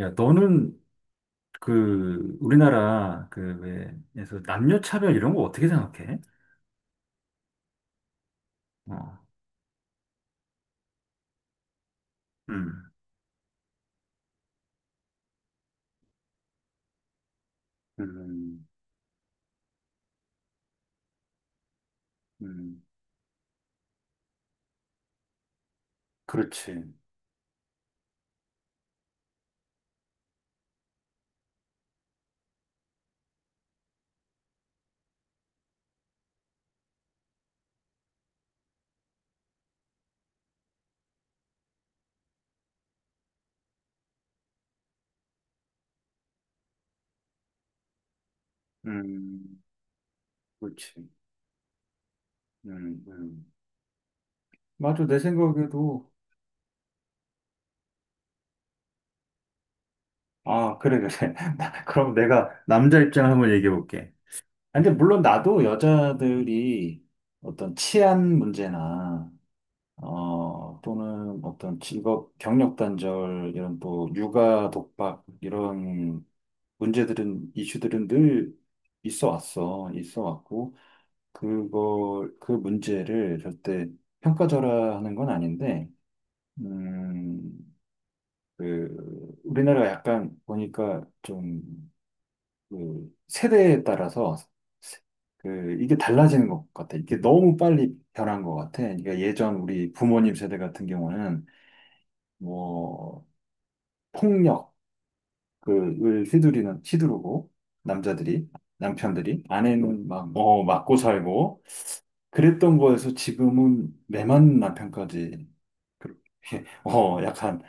야, 너는 그 우리나라 그 왜, 그래서 남녀 차별 이런 거 어떻게 생각해? 어, 음, 음, 음, 그렇지. 음, 그렇지. 음, 음. 맞아, 내 생각에도. 아, 그래, 그래. 그럼 내가 남자 입장 한번 얘기해 볼게. 아니, 근데 물론 나도 여자들이 어떤 치안 문제나, 어, 또는 어떤 직업 경력 단절, 이런 또 육아 독박, 이런 문제들은, 이슈들은 늘 있어 왔어. 있어 왔고, 그걸, 그 문제를 절대 평가절하하는 건 아닌데, 음, 그, 우리나라가 약간 보니까 좀, 그, 세대에 따라서 그, 이게 달라지는 것 같아. 이게 너무 빨리 변한 것 같아. 그러니까 예전 우리 부모님 세대 같은 경우는 뭐, 폭력, 그을 휘두르는 휘두르고 남자들이 남편들이 아내는 막 어, 맞고 살고 그랬던 거에서 지금은 매만 남편까지 그렇- 게 어 약간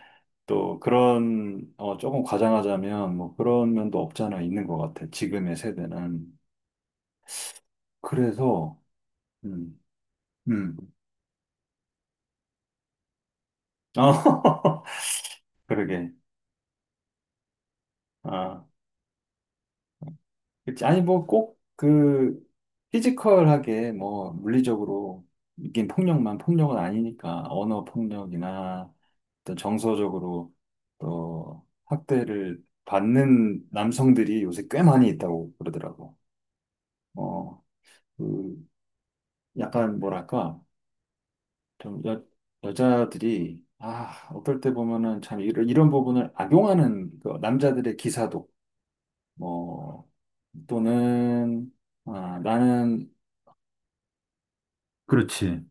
또 그런 어 조금 과장하자면 뭐 그런 면도 없잖아 있는 것 같아, 지금의 세대는. 그래서 음음, 어, 그러게, 아. 그치. 아니, 뭐, 꼭, 그, 피지컬하게, 뭐, 물리적으로, 이게 폭력만 폭력은 아니니까, 언어 폭력이나, 또 정서적으로, 또, 학대를 받는 남성들이 요새 꽤 많이 있다고 그러더라고. 어, 그, 약간, 뭐랄까, 좀, 여자들이, 아, 어떨 때 보면은 참, 이런 부분을 악용하는, 그 남자들의 기사도, 뭐, 또는, 아, 나는, 그렇지.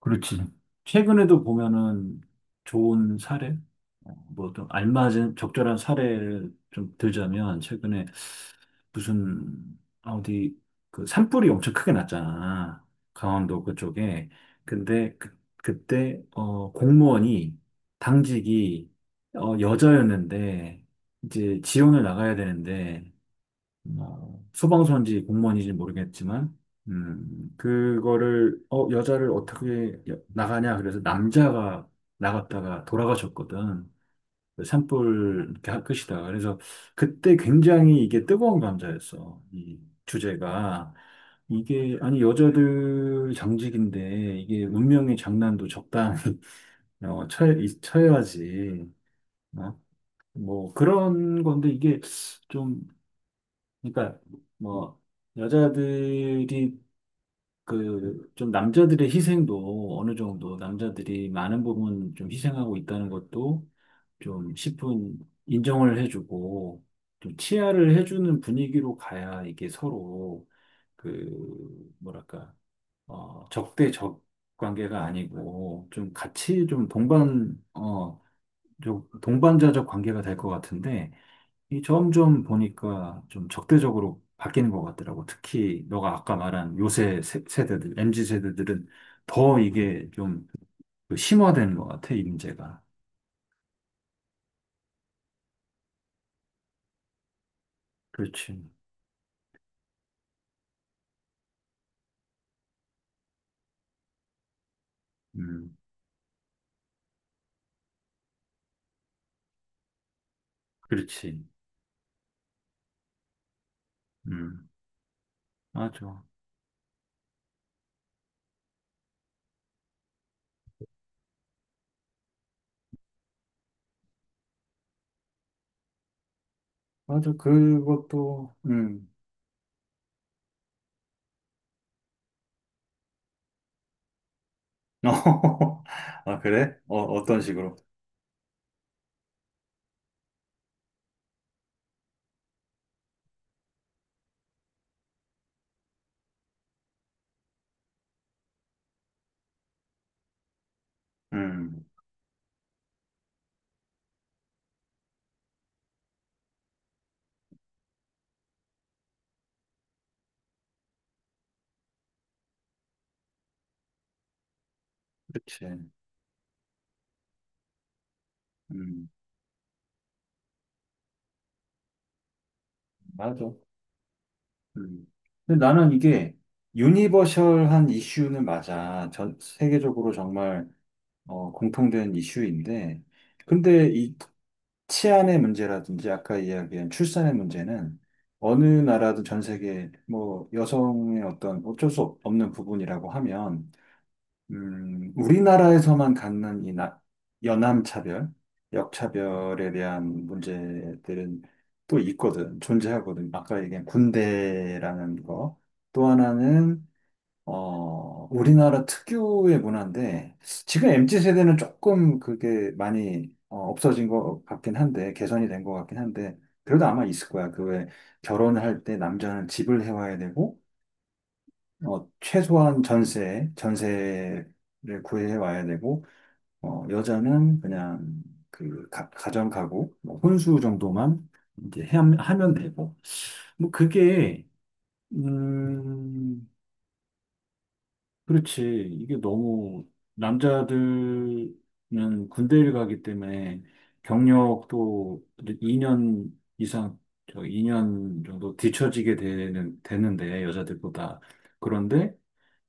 그렇지. 최근에도 보면은 좋은 사례, 어, 뭐좀 알맞은 적절한 사례를 좀 들자면 최근에 무슨 아, 어디 그 산불이 엄청 크게 났잖아. 강원도 그쪽에. 근데 그때 어 공무원이 당직이 어 여자였는데 이제 지원을 나가야 되는데, 뭐, 소방서인지 공무원인지 모르겠지만, 그거를, 어, 여자를 어떻게 나가냐. 그래서 남자가 나갔다가 돌아가셨거든. 그 산불 이렇게 할 것이다. 그래서 그때 굉장히 이게 뜨거운 감자였어. 이 주제가. 이게, 아니, 여자들 장직인데, 이게 운명의 장난도 적당히, 어, 쳐야, 야지. 어? 뭐, 그런 건데, 이게 좀, 그러니까 뭐 여자들이 그 좀 남자들의 희생도 어느 정도 남자들이 많은 부분 좀 희생하고 있다는 것도 좀 십분 인정을 해주고 좀 치아를 해주는 분위기로 가야 이게 서로 그 뭐랄까 어 적대적 관계가 아니고 좀 같이 좀 동반 어좀 동반자적 관계가 될 것 같은데, 이 점점 보니까 좀 적대적으로 바뀌는 것 같더라고. 특히 너가 아까 말한 요새 대들, MZ 세대들은 더 이게 좀그 심화되는 것 같아, 이 문제가. 그렇지. 음, 그렇지. 음, 맞아. 맞아, 그것도. 어, 아, 그래? 어, 어떤 식으로? 음, 그렇지. 음, 맞아. 음. 근데 나는 이게 유니버셜한 이슈는 맞아. 전 세계적으로 정말 어, 공통된 이슈인데, 근데 이 치안의 문제라든지 아까 이야기한 출산의 문제는 어느 나라든 전 세계, 뭐 여성의 어떤 어쩔 수 없는 부분이라고 하면, 우리나라에서만 갖는 이 여남차별, 역차별에 대한 문제들은 또 있거든, 존재하거든. 아까 얘기한 군대라는 거. 또 하나는 어, 우리나라 특유의 문화인데, 지금 MZ 세대는 조금 그게 많이 어, 없어진 것 같긴 한데, 개선이 된 것 같긴 한데, 그래도 아마 있을 거야. 그 왜 결혼할 때 남자는 집을 해와야 되고, 어, 최소한 전세를 구해와야 되고, 어, 여자는 그냥 그 정 가구, 뭐 혼수 정도만 이제 하면 되고, 뭐 그게, 음, 그렇지. 이게 너무 남자들은 군대를 가기 때문에 경력도 2년 이상, 저 2년 정도 되는데, 여자들보다. 그런데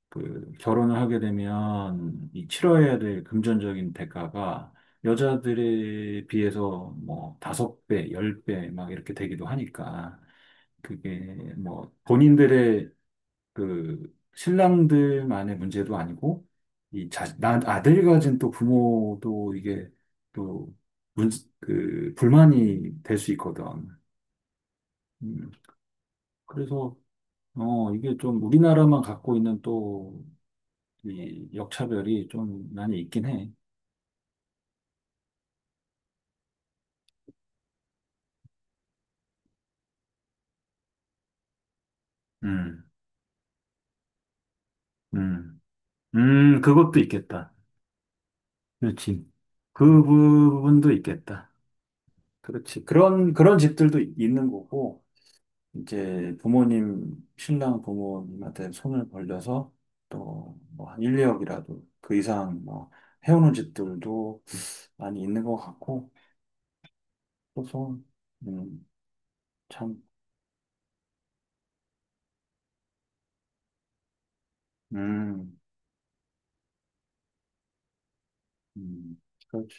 그 결혼을 하게 되면 이 치러야 될 금전적인 대가가 여자들에 비해서 뭐 5배, 10배 막 이렇게 되기도 하니까, 그게 뭐 본인들의 그 신랑들만의 문제도 아니고 이 아들 가진 또 부모도 이게 또 문, 그 불만이 될 수 있거든. 음, 그래서 어 이게 좀 우리나라만 갖고 있는 또 이 역차별이 좀 많이 있긴 해. 음, 음, 그것도 있겠다. 그렇지. 그 부분도 있겠다. 그렇지. 그런 집들도 있는 거고. 이제 부모님, 신랑 부모님한테 손을 벌려서 또 뭐 한 1, 2억이라도 그 이상 뭐 해오는 집들도 많이 있는 것 같고, 그래서, 음, 참, 음, 음, 그렇지,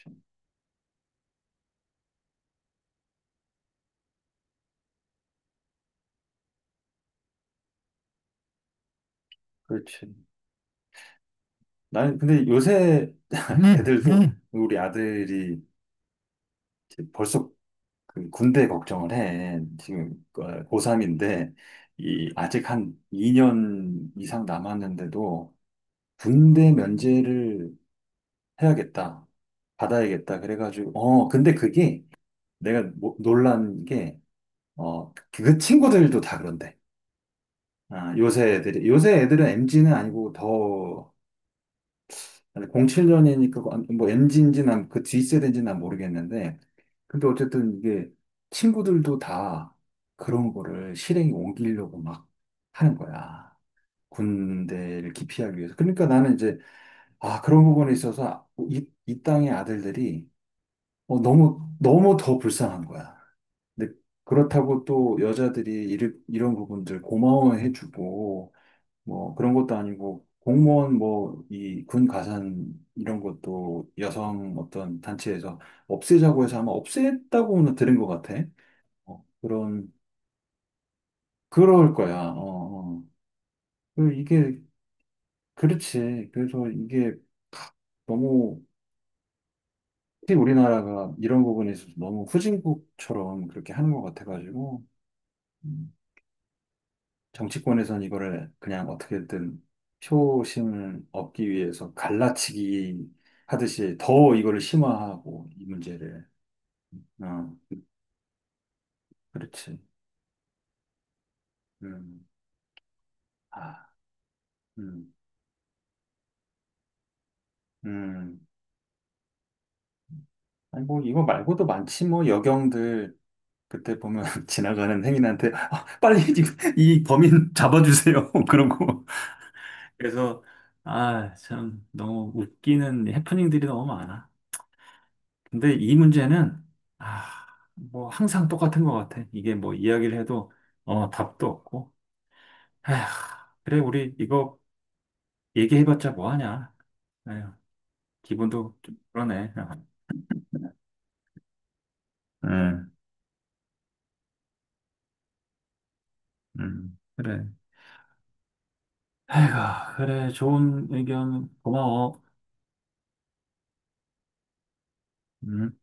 그렇지. 나는 근데 요새 애들도, 우리 아들이 이제 벌써 그 군대 걱정을 해. 지금 고3인데, 이 아직 한 2년 이상 남았는데도 군대 면제를 해야겠다. 받아야겠다. 그래가지고, 어, 근데 그게 내가 놀란 게, 어, 그 친구들도 다 그런데. 아, 요새 애들은 m 지는 아니고 더, 07년이니까 뭐 m 지인지 난 그 뒷세대인지 난 모르겠는데, 근데 어쨌든 이게 친구들도 다 그런 거를 실행에 옮기려고 막 하는 거야. 군대를 기피하기 위해서. 그러니까 나는 이제, 아, 그런 부분에 있어서 이 땅의 아들들이 어, 너무, 너무 더 불쌍한 거야. 근데 그렇다고 또 여자들이 이런 부분들 고마워해주고, 뭐 그런 것도 아니고, 공무원 뭐 이 군 가산 이런 것도 여성 어떤 단체에서 없애자고 해서 아마 없앴다고는 들은 것 같아. 어, 그럴 거야. 어, 어. 그 이게, 그렇지. 그래서 이게 너무, 특히 우리나라가 이런 부분에 있어서 너무 후진국처럼 그렇게 하는 것 같아가지고, 음. 정치권에선 이거를 그냥 어떻게든 표심을 얻기 위해서 갈라치기 하듯이 더 이거를 심화하고 이 문제를, 어, 그렇지, 음아음음. 아니 뭐 이거 말고도 많지, 뭐 여경들 그때 보면 지나가는 행인한테 아, 빨리 이 범인 잡아주세요 그런 거. 그래서 아 참 너무 웃기는 해프닝들이 너무 많아. 근데 이 문제는 아, 뭐 항상 똑같은 것 같아. 이게 뭐 이야기를 해도, 어, 답도 없고. 에휴, 그래 우리 이거 얘기해봤자 뭐 하냐. 에휴, 기분도 좀 그러네. 응, 응 그래. 에휴, 그래 좋은 의견 고마워. 음.